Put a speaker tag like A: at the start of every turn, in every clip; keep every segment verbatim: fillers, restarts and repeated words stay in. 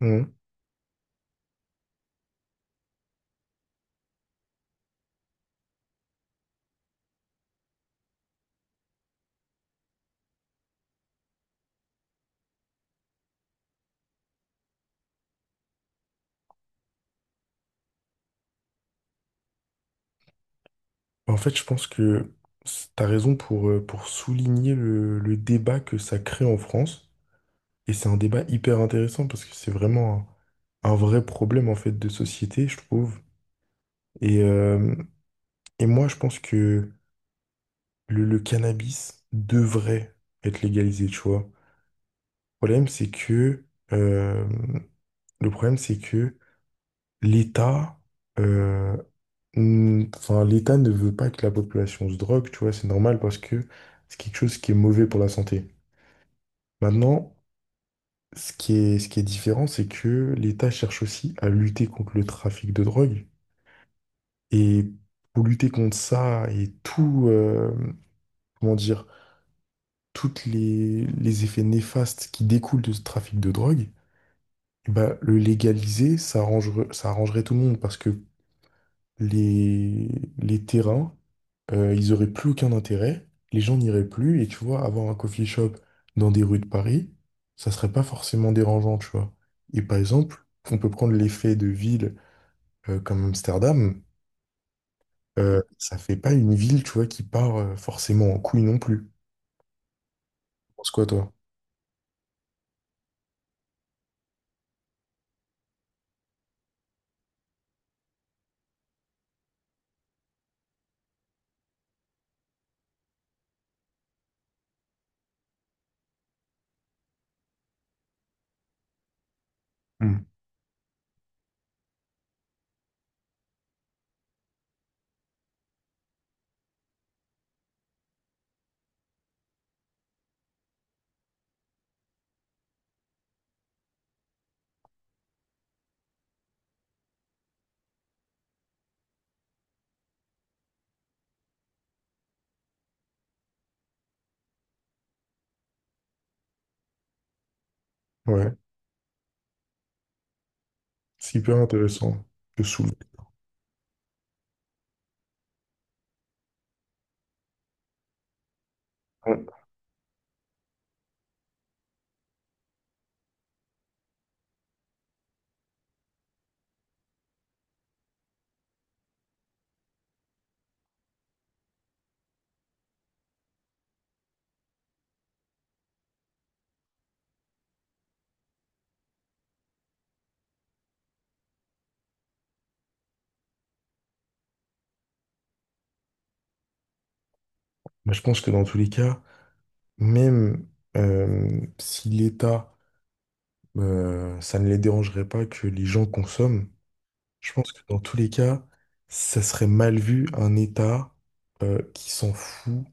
A: Mhm. En fait, je pense que c- t'as raison pour, euh, pour souligner le, le débat que ça crée en France. Et c'est un débat hyper intéressant parce que c'est vraiment un, un vrai problème en fait de société, je trouve. Et, euh, et moi, je pense que le, le cannabis devrait être légalisé, tu vois. Le problème, c'est que, euh, le problème, c'est que l'État, euh, Hmm, Enfin, l'État ne veut pas que la population se drogue, tu vois, c'est normal parce que c'est quelque chose qui est mauvais pour la santé. Maintenant, ce qui est, ce qui est différent, c'est que l'État cherche aussi à lutter contre le trafic de drogue. Et pour lutter contre ça et tout, euh, comment dire, toutes les, les effets néfastes qui découlent de ce trafic de drogue, bah, le légaliser, ça arrangerait, ça arrangerait tout le monde parce que les, les terrains euh, ils auraient plus aucun intérêt, les gens n'iraient plus, et tu vois, avoir un coffee shop dans des rues de Paris, ça serait pas forcément dérangeant, tu vois. Et par exemple, on peut prendre l'effet de ville euh, comme Amsterdam, euh, ça fait pas une ville, tu vois, qui part euh, forcément en couille non plus. Tu penses quoi, toi? Hmm. Ouais, c'est hyper intéressant de soulever. Ouais. Bah, je pense que dans tous les cas, même euh, si l'État, euh, ça ne les dérangerait pas que les gens consomment, je pense que dans tous les cas, ça serait mal vu un État euh, qui s'en fout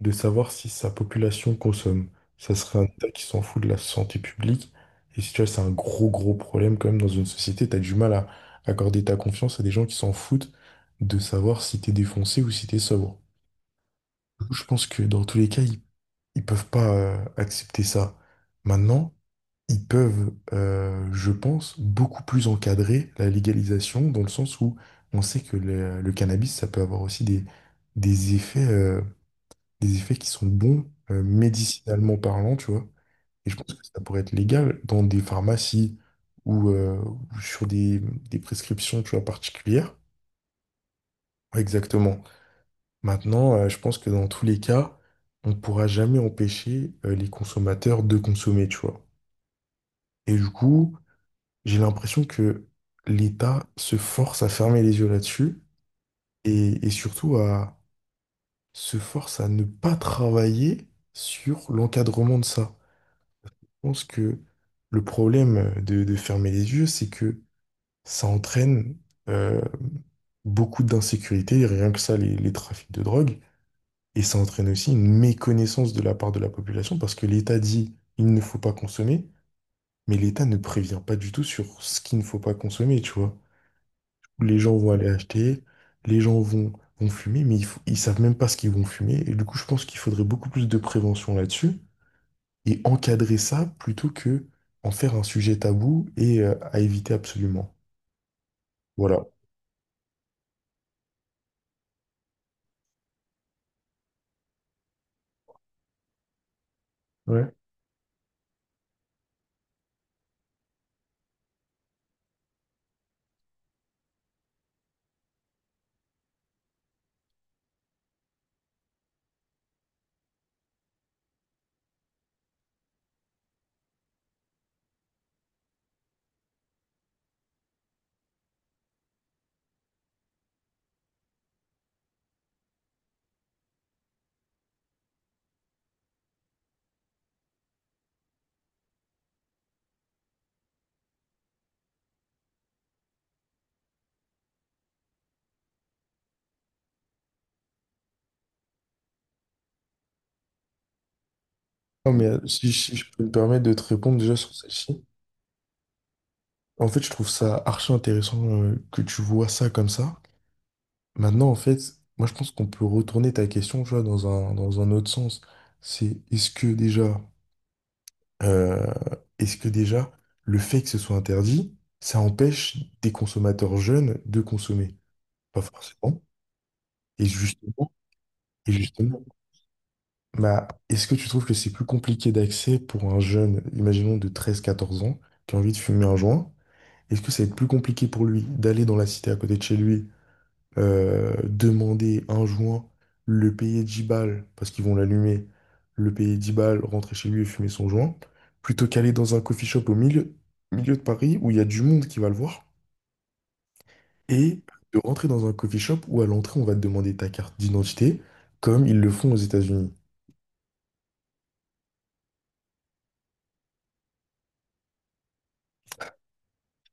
A: de savoir si sa population consomme. Ça serait un État qui s'en fout de la santé publique. Et si tu vois, c'est un gros, gros problème quand même dans une société. T'as du mal à accorder ta confiance à des gens qui s'en foutent de savoir si t'es défoncé ou si t'es sobre. Je pense que dans tous les cas, ils, ils peuvent pas euh, accepter ça. Maintenant, ils peuvent, euh, je pense, beaucoup plus encadrer la légalisation dans le sens où on sait que le, le cannabis, ça peut avoir aussi des, des effets, euh, des effets qui sont bons, euh, médicinalement parlant, tu vois. Et je pense que ça pourrait être légal dans des pharmacies ou, euh, ou sur des, des prescriptions, tu vois, particulières. Exactement. Maintenant, euh, je pense que dans tous les cas, on ne pourra jamais empêcher, euh, les consommateurs de consommer, tu vois. Et du coup, j'ai l'impression que l'État se force à fermer les yeux là-dessus et, et surtout à se force à ne pas travailler sur l'encadrement de ça. Je pense que le problème de, de fermer les yeux, c'est que ça entraîne euh, beaucoup d'insécurité, rien que ça, les, les trafics de drogue, et ça entraîne aussi une méconnaissance de la part de la population parce que l'État dit il ne faut pas consommer, mais l'État ne prévient pas du tout sur ce qu'il ne faut pas consommer, tu vois. Les gens vont aller acheter, les gens vont, vont fumer, mais ils, fou- ils savent même pas ce qu'ils vont fumer. Et du coup, je pense qu'il faudrait beaucoup plus de prévention là-dessus et encadrer ça plutôt que en faire un sujet tabou et euh, à éviter absolument. Voilà. Ouais. Non, mais euh, si, si je peux me permettre de te répondre déjà sur celle-ci, en fait, je trouve ça archi intéressant euh, que tu vois ça comme ça. Maintenant, en fait, moi, je pense qu'on peut retourner ta question, tu vois, dans un, dans un autre sens. C'est est-ce que déjà Euh, est-ce que déjà, le fait que ce soit interdit, ça empêche des consommateurs jeunes de consommer? Pas forcément. Et justement, et justement, bah, est-ce que tu trouves que c'est plus compliqué d'accès pour un jeune, imaginons de treize quatorze ans, qui a envie de fumer un joint? Est-ce que ça va être plus compliqué pour lui d'aller dans la cité à côté de chez lui euh, demander un joint, le payer dix balles, parce qu'ils vont l'allumer, le payer dix balles, rentrer chez lui et fumer son joint, plutôt qu'aller dans un coffee shop au milieu, milieu de Paris où il y a du monde qui va le voir, et de rentrer dans un coffee shop où à l'entrée on va te demander ta carte d'identité, comme ils le font aux États-Unis.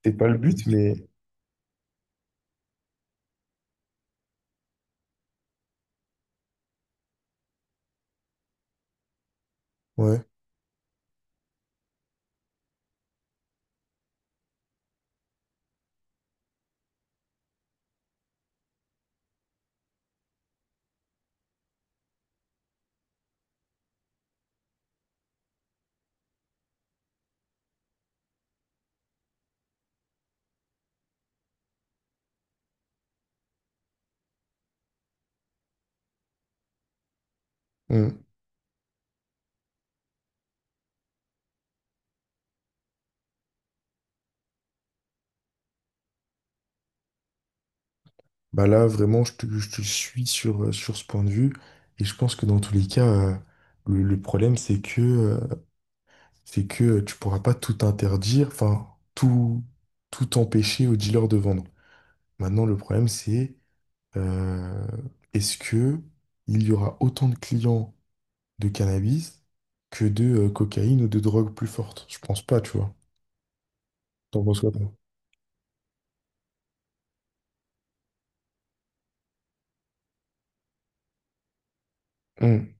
A: C'est pas le but, mais ouais. Mm. Bah là, vraiment, je te, je te suis sur, euh, sur ce point de vue, et je pense que dans tous les cas, euh, le, le problème, c'est que euh, c'est que tu pourras pas tout interdire, enfin, tout, tout empêcher aux dealers de vendre. Maintenant, le problème, c'est euh, est-ce que il y aura autant de clients de cannabis que de euh, cocaïne ou de drogue plus forte? Je pense pas, tu vois. T'en penses quoi, toi? Hum,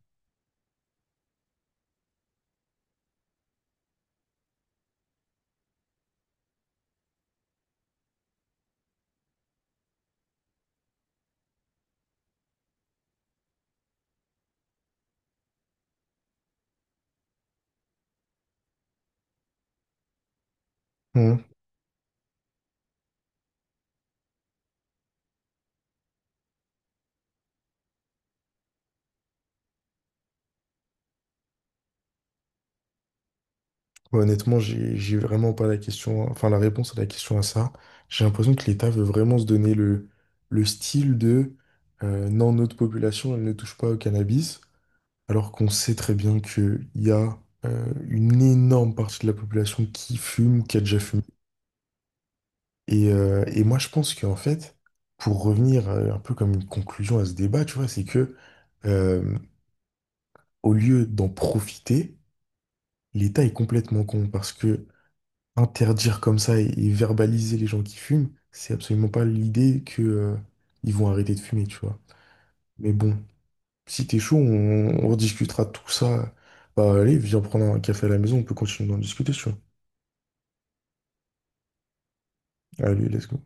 A: hum. Ouais, honnêtement, j'ai, j'ai vraiment pas la question, enfin, la réponse à la question à ça. J'ai l'impression que l'État veut vraiment se donner le, le style de euh, non, notre population, elle ne touche pas au cannabis. Alors qu'on sait très bien qu'il y a euh, une énorme partie de la population qui fume, qui a déjà fumé. Et, euh, et moi, je pense qu'en fait, pour revenir euh, un peu comme une conclusion à ce débat, tu vois, c'est que euh, au lieu d'en profiter, l'État est complètement con parce que interdire comme ça et, et verbaliser les gens qui fument, c'est absolument pas l'idée que euh, ils vont arrêter de fumer, tu vois. Mais bon, si t'es chaud, on, on rediscutera de tout ça. Bah allez, viens prendre un café à la maison, on peut continuer d'en discuter, si tu vois. Allez, let's go.